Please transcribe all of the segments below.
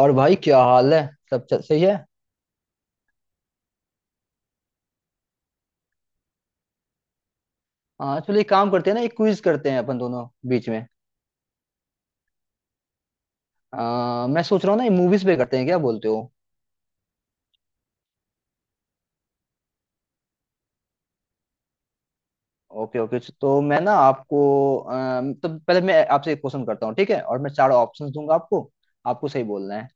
और भाई क्या हाल है। सब चल सही है। हाँ, चलो एक काम करते हैं ना, एक क्विज करते हैं अपन दोनों बीच में। मैं सोच रहा हूँ ना, मूवीज पे करते हैं, क्या बोलते हो? ओके ओके, तो मैं ना आपको आ, तो पहले मैं आपसे एक क्वेश्चन करता हूँ, ठीक है, और मैं चार ऑप्शंस दूंगा आपको। आपको सही बोलना है,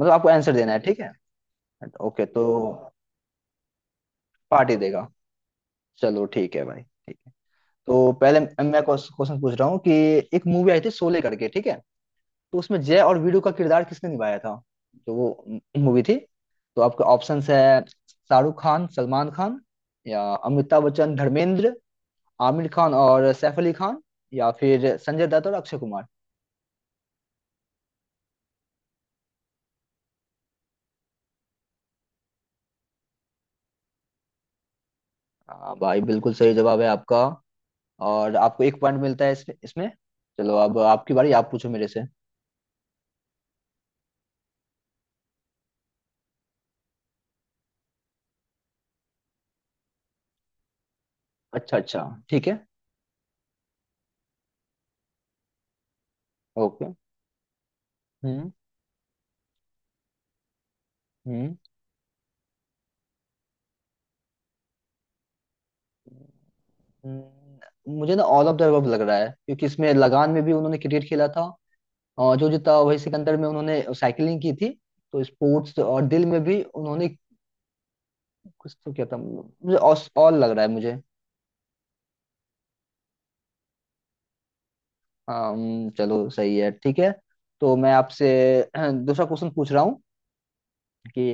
मतलब आपको आंसर देना है, ठीक है। ओके, तो पार्टी देगा। चलो ठीक है भाई, ठीक है। तो पहले मैं क्वेश्चन पूछ रहा हूँ कि एक मूवी आई थी शोले करके, ठीक है, तो उसमें जय और वीरू का किरदार किसने निभाया था? जो वो मूवी थी। तो आपके ऑप्शंस है, शाहरुख खान सलमान खान, या अमिताभ बच्चन धर्मेंद्र, आमिर खान और सैफ अली खान, या फिर संजय दत्त और अक्षय कुमार। हाँ भाई, बिल्कुल सही जवाब है आपका, और आपको एक पॉइंट मिलता है इसमें इसमें। चलो, अब आपकी बारी, आप पूछो मेरे से। अच्छा अच्छा, ठीक है। ओके। हम्म। हम्म। हम्म, मुझे ना ऑल ऑफ द अबव लग रहा है, क्योंकि इसमें लगान में भी उन्होंने क्रिकेट खेला था, और जो जीता वही सिकंदर में उन्होंने साइकिलिंग की थी, तो स्पोर्ट्स, और दिल में भी उन्होंने कुछ तो किया था। मुझे ऑल लग रहा है मुझे। हाँ चलो सही है, ठीक है। तो मैं आपसे दूसरा क्वेश्चन पूछ रहा हूँ कि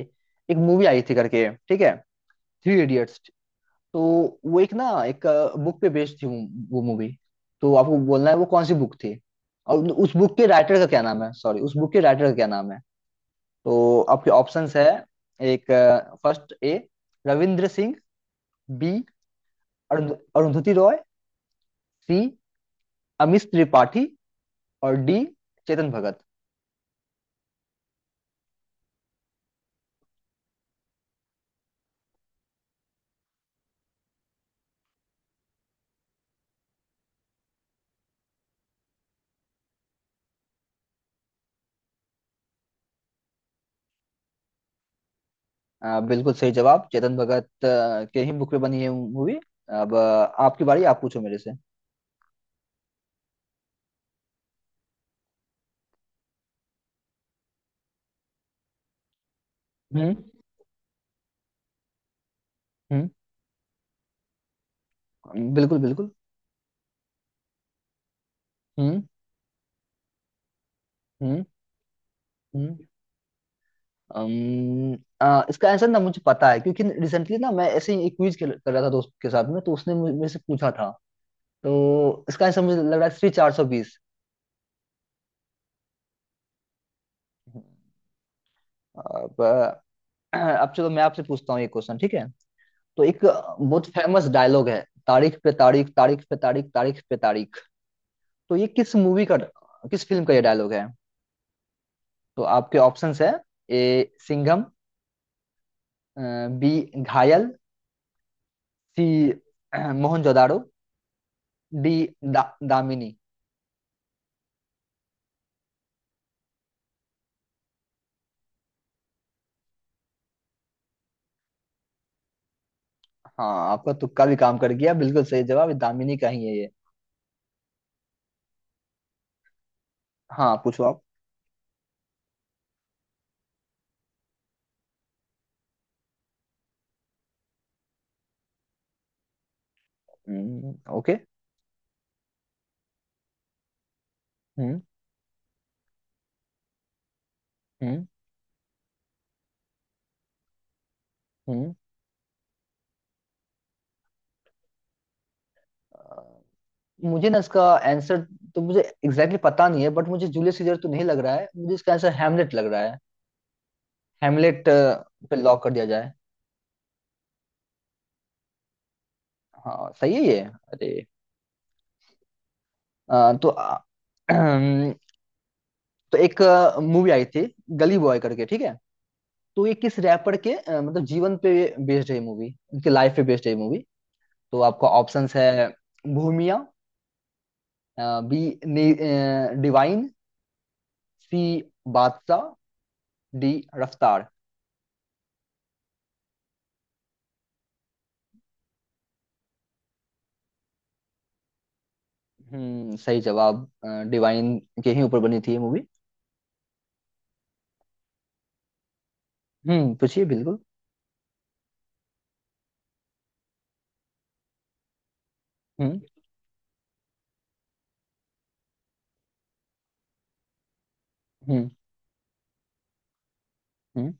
एक मूवी आई थी करके, ठीक है, थ्री इडियट्स। तो वो एक ना एक बुक पे बेस्ड थी वो मूवी। तो आपको बोलना है वो कौन सी बुक थी और उस बुक के राइटर का क्या नाम है, सॉरी, उस बुक के राइटर का क्या नाम है। तो आपके ऑप्शंस है, एक, first, A Ravinder Singh, B Arun- Arundhati Roy, C Amish Tripathi, और डी चेतन भगत। बिल्कुल सही जवाब, चेतन भगत के ही बुक पे बनी है मूवी। अब आपकी बारी, आप पूछो मेरे से। हम्म। बिल्कुल बिल्कुल। हम्म। हम्म। हम्म अम्म, इसका आंसर ना मुझे पता है, क्योंकि रिसेंटली ना मैं ऐसे ही एक क्विज कर कर रहा था दोस्त के साथ में, तो उसने मेरे से पूछा था। तो इसका आंसर मुझे लग रहा है श्री 420। अब अब चलो मैं आपसे पूछता हूँ ये क्वेश्चन, ठीक है। तो एक बहुत फेमस डायलॉग है, तारीख पे तारीख, तारीख पे तारीख, तारीख पे तारीख। तो ये किस मूवी का, किस फिल्म का ये डायलॉग है? तो आपके ऑप्शंस है, A Singham, B Ghayal, C Mohenjodaro, D दा, दामिनी। हाँ, आपका तुक्का भी काम कर गया, बिल्कुल सही जवाब, ये दामिनी का ही है ये। हाँ पूछो आप। ओके। हम्म। हम्म। हम्म। अ, मुझे ना इसका आंसर तो मुझे एग्जैक्टली exactly पता नहीं है, बट मुझे जूलियस सीजर तो नहीं लग रहा है, मुझे इसका आंसर हैमलेट लग रहा है, हेमलेट पे लॉक कर दिया जाए। हाँ सही है ये अरे। तो तो एक मूवी आई थी गली बॉय करके, ठीक है, तो ये किस रैपर के मतलब जीवन पे बेस्ड है मूवी, उनके लाइफ पे बेस्ड है मूवी। तो आपका ऑप्शंस है, भूमिया, B Divine, C Badshah, D रफ्तार। सही जवाब, डिवाइन के ही ऊपर बनी थी ये मूवी। पूछिए बिल्कुल। हम्म। हम्म। हम्म।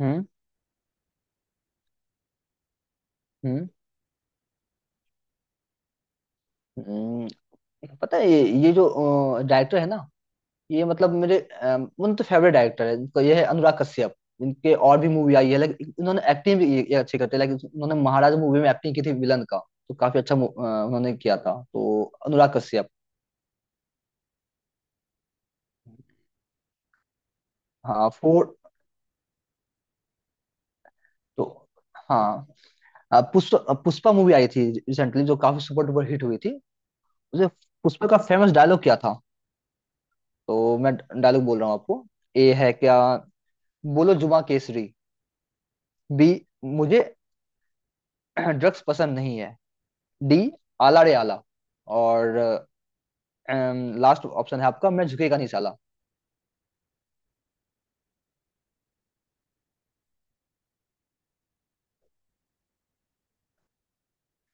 हम्म। हम्म। हम्म, पता है ये जो डायरेक्टर है ना, ये मतलब मेरे उन तो फेवरेट डायरेक्टर है, इनका ये है अनुराग कश्यप। इनके और भी मूवी आई है, लेकिन इन्होंने एक्टिंग भी ये अच्छी करते हैं, लेकिन इन्होंने महाराज मूवी में एक्टिंग की थी विलन का, तो काफी अच्छा उन्होंने किया था। तो अनुराग कश्यप। हाँ 4। तो हाँ, पुष्पा मूवी आई थी रिसेंटली जो काफी सुपर डुपर हिट हुई थी। मुझे, पुष्पा का फेमस डायलॉग क्या था? तो मैं डायलॉग बोल रहा हूँ आपको। ए है क्या बोलो जुमा केसरी, बी मुझे ड्रग्स पसंद नहीं है, डी आला रे आला, और लास्ट ऑप्शन है आपका मैं झुकेगा नहीं साला।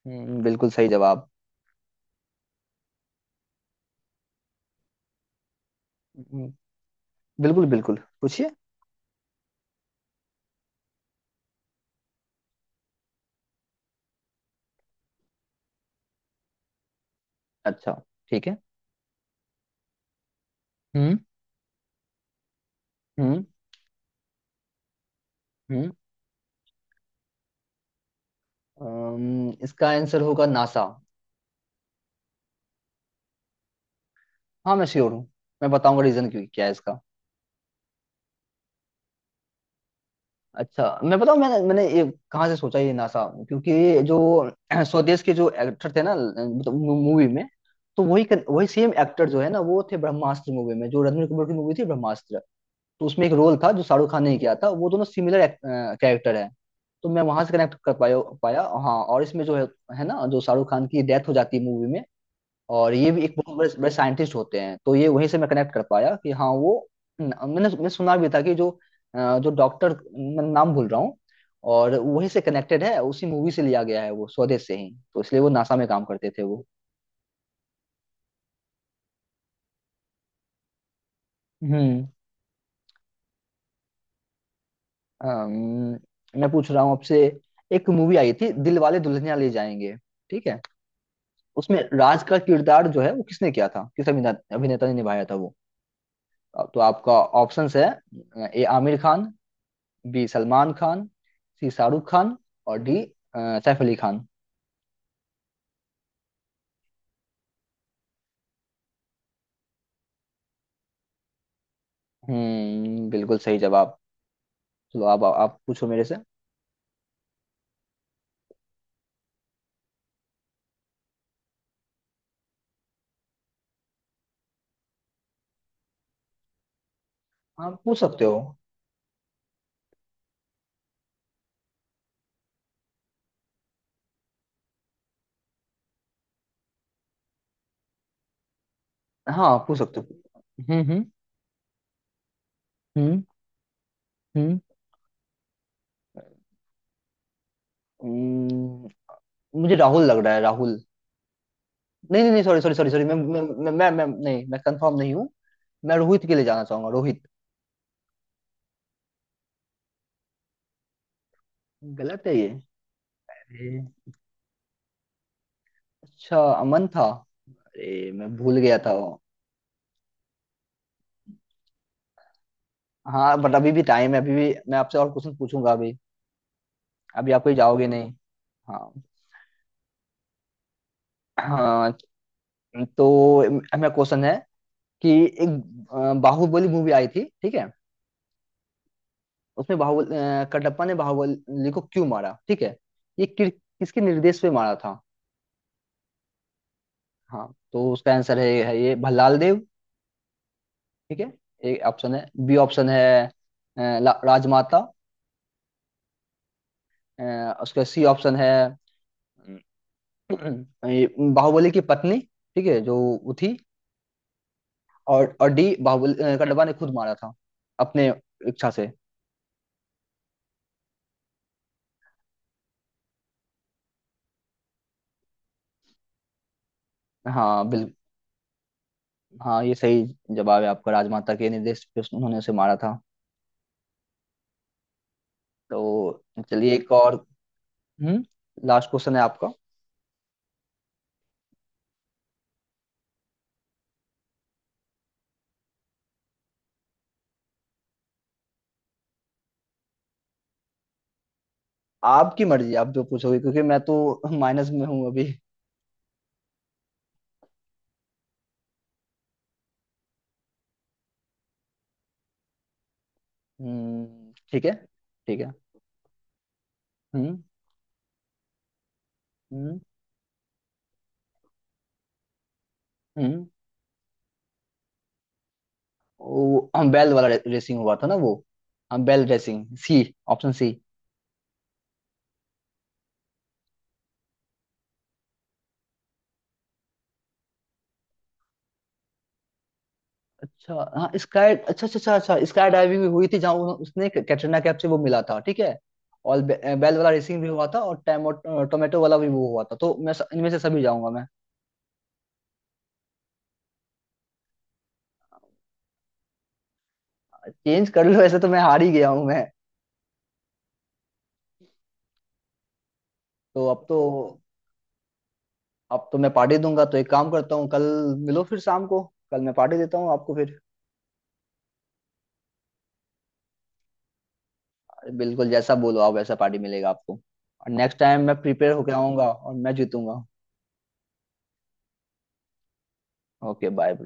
बिल्कुल सही जवाब। हम्म, बिल्कुल बिल्कुल पूछिए। अच्छा, ठीक है। हम्म। हम्म। हम्म। इसका आंसर होगा नासा। हाँ मैं श्योर हूँ, मैं बताऊंगा रीजन क्यों क्या है इसका। अच्छा मैं बताऊँ, मैंने मैंने ये कहाँ से सोचा ये नासा, क्योंकि जो स्वदेश के जो एक्टर थे ना मूवी में, तो वही वही सेम एक्टर जो है ना, वो थे ब्रह्मास्त्र मूवी में, जो रणबीर कपूर की मूवी थी ब्रह्मास्त्र। तो उसमें एक रोल था जो शाहरुख खान ने किया था, वो दोनों सिमिलर कैरेक्टर है। तो मैं वहां से कनेक्ट कर पाया पाया हाँ, और इसमें जो है ना, जो शाहरुख खान की डेथ हो जाती है मूवी में, और ये भी एक बहुत बड़े बड़े साइंटिस्ट होते हैं, तो ये वहीं से मैं कनेक्ट कर पाया कि हाँ वो मैंने मैंने सुना भी था कि जो जो डॉक्टर, मैं नाम भूल रहा हूँ, और वहीं से कनेक्टेड है, उसी मूवी से लिया गया है, वो स्वदेश से ही, तो इसलिए वो नासा में काम करते थे वो। हम्म। अम्म, मैं पूछ रहा हूँ आपसे, एक मूवी आई थी दिल वाले दुल्हनिया ले जाएंगे, ठीक है, उसमें राज का किरदार जो है वो किसने किया था, किस अभिनेता अभिनेता ने निभाया था वो? तो आपका ऑप्शंस है, A Aamir Khan, B Salman Khan, C Shahrukh Khan, और डी सैफ अली खान। बिल्कुल सही जवाब। चलो आप पूछो मेरे से। आप पूछ सकते हो। हाँ पूछ सकते हो। हम्म। हम्म। हम्म। हम्म। हम्म, मुझे राहुल लग रहा है, राहुल। नहीं नहीं नहीं, सॉरी सॉरी सॉरी सॉरी, नहीं मैं कंफर्म नहीं हूँ। मैं रोहित के लिए जाना चाहूंगा, रोहित। गलत है ये। अच्छा, अमन था, अरे मैं भूल गया था वो। हाँ बट अभी भी टाइम है, अभी भी मैं आपसे और क्वेश्चन पूछूंगा अभी, अभी आप कोई जाओगे नहीं। हाँ। हाँ, तो मेरा क्वेश्चन है कि एक बाहुबली मूवी आई थी, ठीक है, उसमें कटप्पा ने बाहुबली को क्यों मारा, ठीक है, ये किसके निर्देश पे मारा था? हाँ तो उसका आंसर है ये भल्लाल देव, ठीक है, एक ऑप्शन है, बी ऑप्शन है राजमाता, उसका सी ऑप्शन है ये बाहुबली की पत्नी, ठीक है, जो वो थी, और डी बाहुबली कटवा ने खुद मारा था अपने इच्छा से। हाँ बिल हाँ ये सही जवाब है आपका, राजमाता के निर्देश पे उन्होंने उसे मारा था। तो चलिए एक और। हम्म, लास्ट क्वेश्चन है आपका। आपकी मर्जी, आप जो पूछोगे, क्योंकि मैं तो माइनस में हूँ अभी। ठीक है। ठीक है। हम्म। हम्म। हम्म। वो हम बैल वाला रेसिंग हुआ था ना वो, हम बैल रेसिंग, सी, ऑप्शन सी। अच्छा हाँ स्काई, अच्छा अच्छा अच्छा अच्छा, स्काई डाइविंग भी हुई थी, जहाँ उसने कैटरीना कैफ से वो मिला था, ठीक है, और बेल वाला रेसिंग भी हुआ था, और टैमो टोमेटो वाला भी वो हुआ था, तो मैं इनमें से सभी जाऊंगा मैं। चेंज कर लो, ऐसे तो मैं हार ही गया हूँ मैं। तो अब तो, अब तो मैं पार्टी दूंगा, तो एक काम करता हूँ, कल मिलो फिर शाम को, कल मैं पार्टी देता हूँ आपको फिर। बिल्कुल, जैसा बोलो आप वैसा पार्टी मिलेगा आपको, और नेक्स्ट टाइम मैं प्रिपेयर होकर आऊंगा और मैं जीतूंगा। Okay bye.